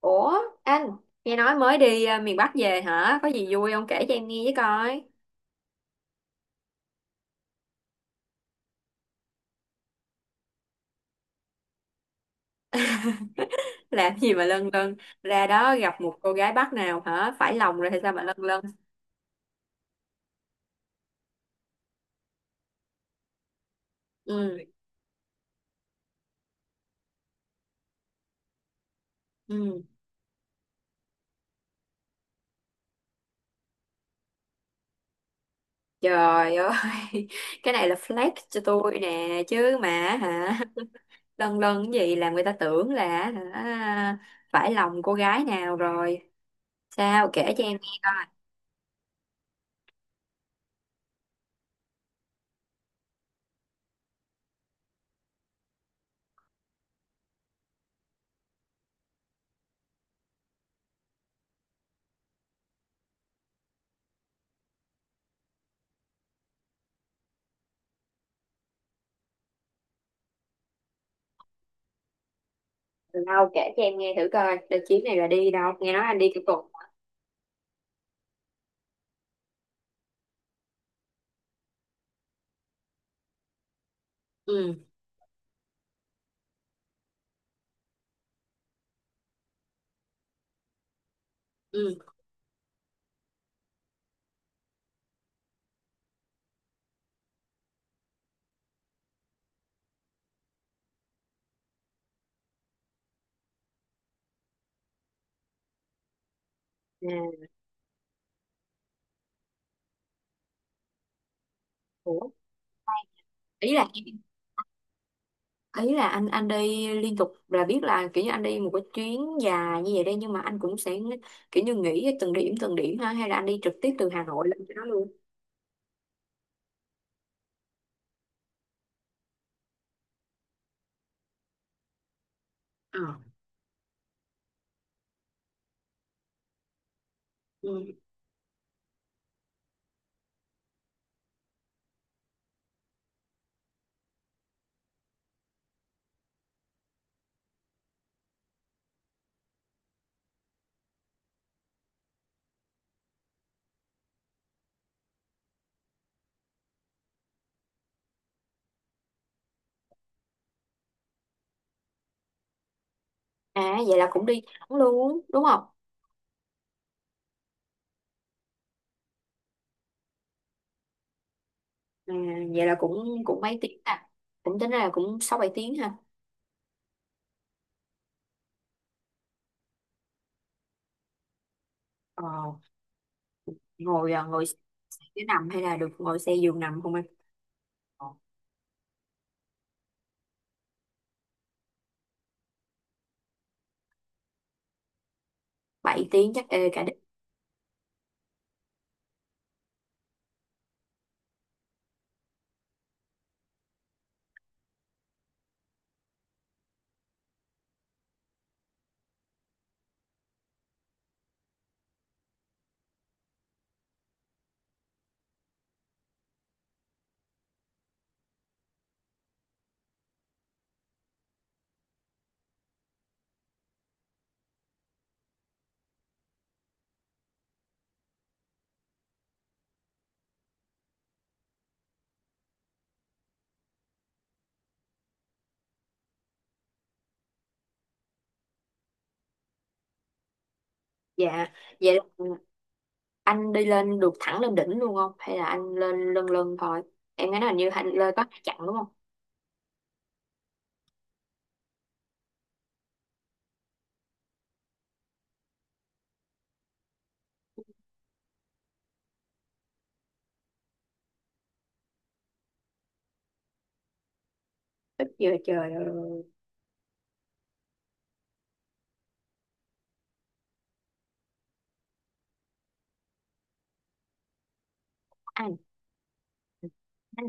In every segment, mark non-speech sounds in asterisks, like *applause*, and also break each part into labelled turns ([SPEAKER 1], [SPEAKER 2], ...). [SPEAKER 1] Ủa, anh, nghe nói mới đi miền Bắc về hả? Có gì vui không kể cho em nghe với coi. *laughs* Làm gì mà lân lân, ra đó gặp một cô gái Bắc nào hả? Phải lòng rồi hay sao mà lân lân? Ừ, ừ. Trời ơi, *laughs* cái này là flex cho tôi nè, chứ mà hả? Lân lân cái gì làm người ta tưởng là hả? Phải lòng cô gái nào rồi. Sao kể cho em nghe. Đâu kể cho em nghe thử coi, đợt chuyến này là đi đâu? Nghe nói anh đi cái cục. Ừ, ừ. À, ủa, ý là ý là anh đi liên tục là biết là kiểu như anh đi một cái chuyến dài như vậy đây, nhưng mà anh cũng sẽ kiểu như nghỉ từng điểm ha, hay là anh đi trực tiếp từ Hà Nội lên cho nó luôn? Ờ, ừ. À vậy là cũng đi thẳng luôn đúng không? À, vậy là cũng cũng mấy tiếng à, cũng tính ra là cũng sáu bảy tiếng ha? ờ, Ngồi ngồi xe nằm hay là được ngồi xe giường nằm không anh? Ờ, bảy tiếng chắc ê cả. Dạ, vậy anh đi lên được thẳng lên đỉnh luôn không hay là anh lên lân lân thôi? Em nghe nói hình như anh lên có hai chặng đúng không? Ít giờ trời ơi, anh anh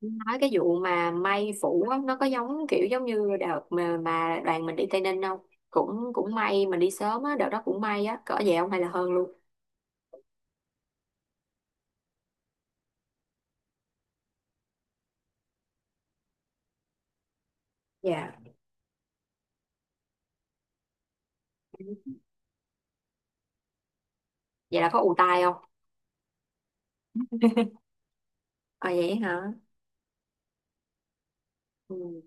[SPEAKER 1] nói cái vụ mà may phủ á, nó có giống kiểu giống như đợt mà đoàn mình đi Tây Ninh không? Cũng cũng may mình đi sớm á, đợt đó cũng may á cỡ vậy không hay là hơn luôn? Dạ. Vậy là có ù tai không? À vậy hả. Ừ.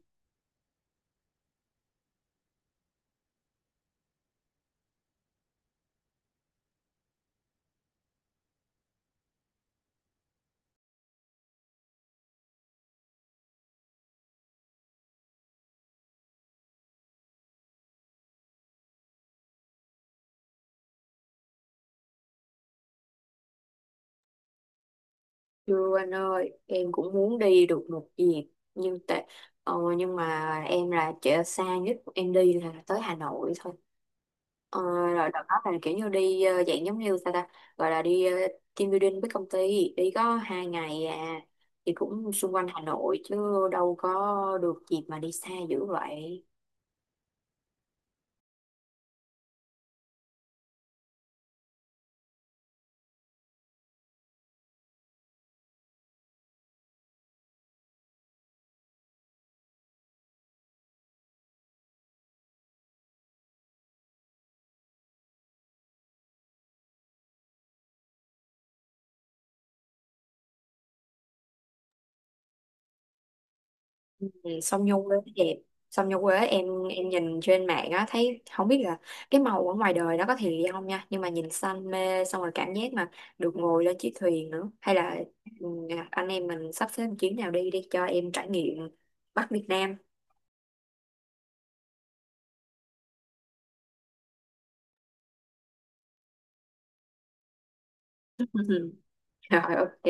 [SPEAKER 1] Chưa anh ơi, em cũng muốn đi được một dịp nhưng tại nhưng mà em là chợ xa nhất em đi là tới Hà Nội thôi. Ờ, rồi đợt đó là kiểu như đi dạng giống như sao ta gọi là đi team building với công ty đi có hai ngày à, thì cũng xung quanh Hà Nội chứ đâu có được dịp mà đi xa dữ vậy. Song nhung quế đẹp, song nhung quế em nhìn trên mạng á thấy không biết là cái màu ở ngoài đời nó có thiệt hay không nha, nhưng mà nhìn xanh mê, xong rồi cảm giác mà được ngồi lên chiếc thuyền nữa, hay là ừ, anh em mình sắp xếp một chuyến nào đi đi cho em trải nghiệm Bắc Việt Nam. *laughs* Rồi ok.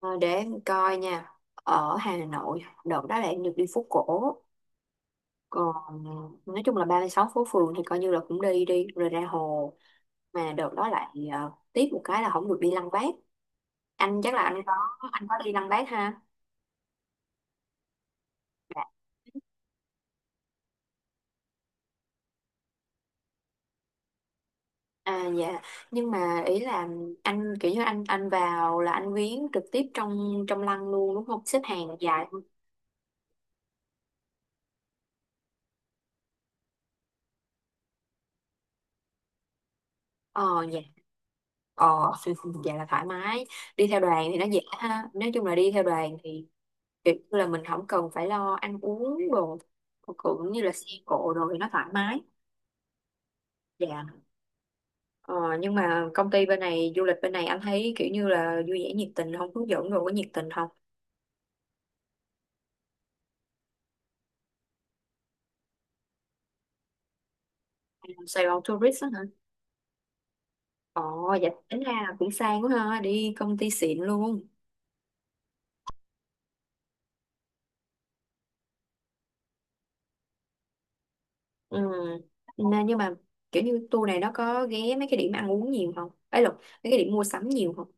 [SPEAKER 1] Ờ, để em coi nha, ở Hà Nội đợt đó là em được đi phố cổ, còn ừ, nói chung là 36 phố phường thì coi như là cũng đi đi rồi ra hồ, mà đợt đó lại tiếc một cái là không được đi Lăng Bác. Anh chắc là anh có, anh có đi Lăng Bác ha? Dạ. À dạ, nhưng mà ý là anh kiểu như anh vào là anh viếng trực tiếp trong trong lăng luôn đúng không, xếp hàng dài không? Ờ, dạ. Ờ, *laughs* vậy là thoải mái, đi theo đoàn thì nó dễ ha, nói chung là đi theo đoàn thì kiểu như là mình không cần phải lo ăn uống đồ cũng như là xe cộ, rồi nó thoải mái. Dạ. Ờ, nhưng mà công ty bên này, du lịch bên này anh thấy kiểu như là vui vẻ nhiệt tình không, hướng dẫn rồi có nhiệt tình không? Sài Gòn tourist á hả? Ồ, dạ tính ra là cũng sang quá ha, đi công ty xịn luôn. Ừ. Nên nhưng mà kiểu như tour này nó có ghé mấy cái điểm ăn uống nhiều không? Ấy lộn, mấy cái điểm mua sắm nhiều không?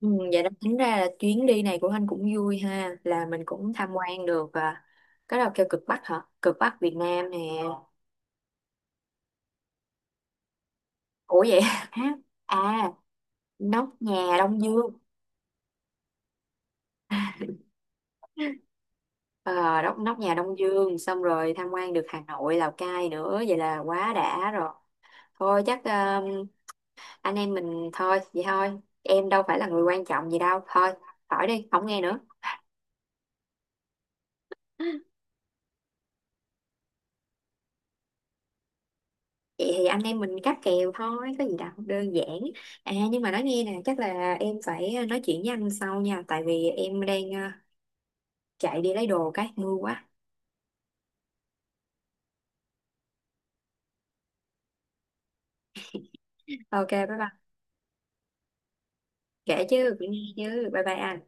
[SPEAKER 1] Ừ, vậy đó tính ra là chuyến đi này của anh cũng vui ha, là mình cũng tham quan được à. Cái nào kêu cực Bắc hả? Cực Bắc Việt Nam nè. Ủa vậy? *laughs* Hả? À, nóc nhà Đông Dương. *laughs* Ờ, đốc nóc nhà Đông Dương xong rồi tham quan được Hà Nội, Lào Cai nữa, vậy là quá đã rồi. Thôi chắc anh em mình thôi vậy thôi, em đâu phải là người quan trọng gì đâu, thôi khỏi đi không nghe nữa. Vậy thì anh em mình cáp kèo thôi có gì đâu, đơn giản. À nhưng mà nói nghe nè, chắc là em phải nói chuyện với anh sau nha, tại vì em đang chạy đi lấy đồ cái mưa quá. Ok bye bye. Kể chứ, cũng nghe chứ, bye bye anh.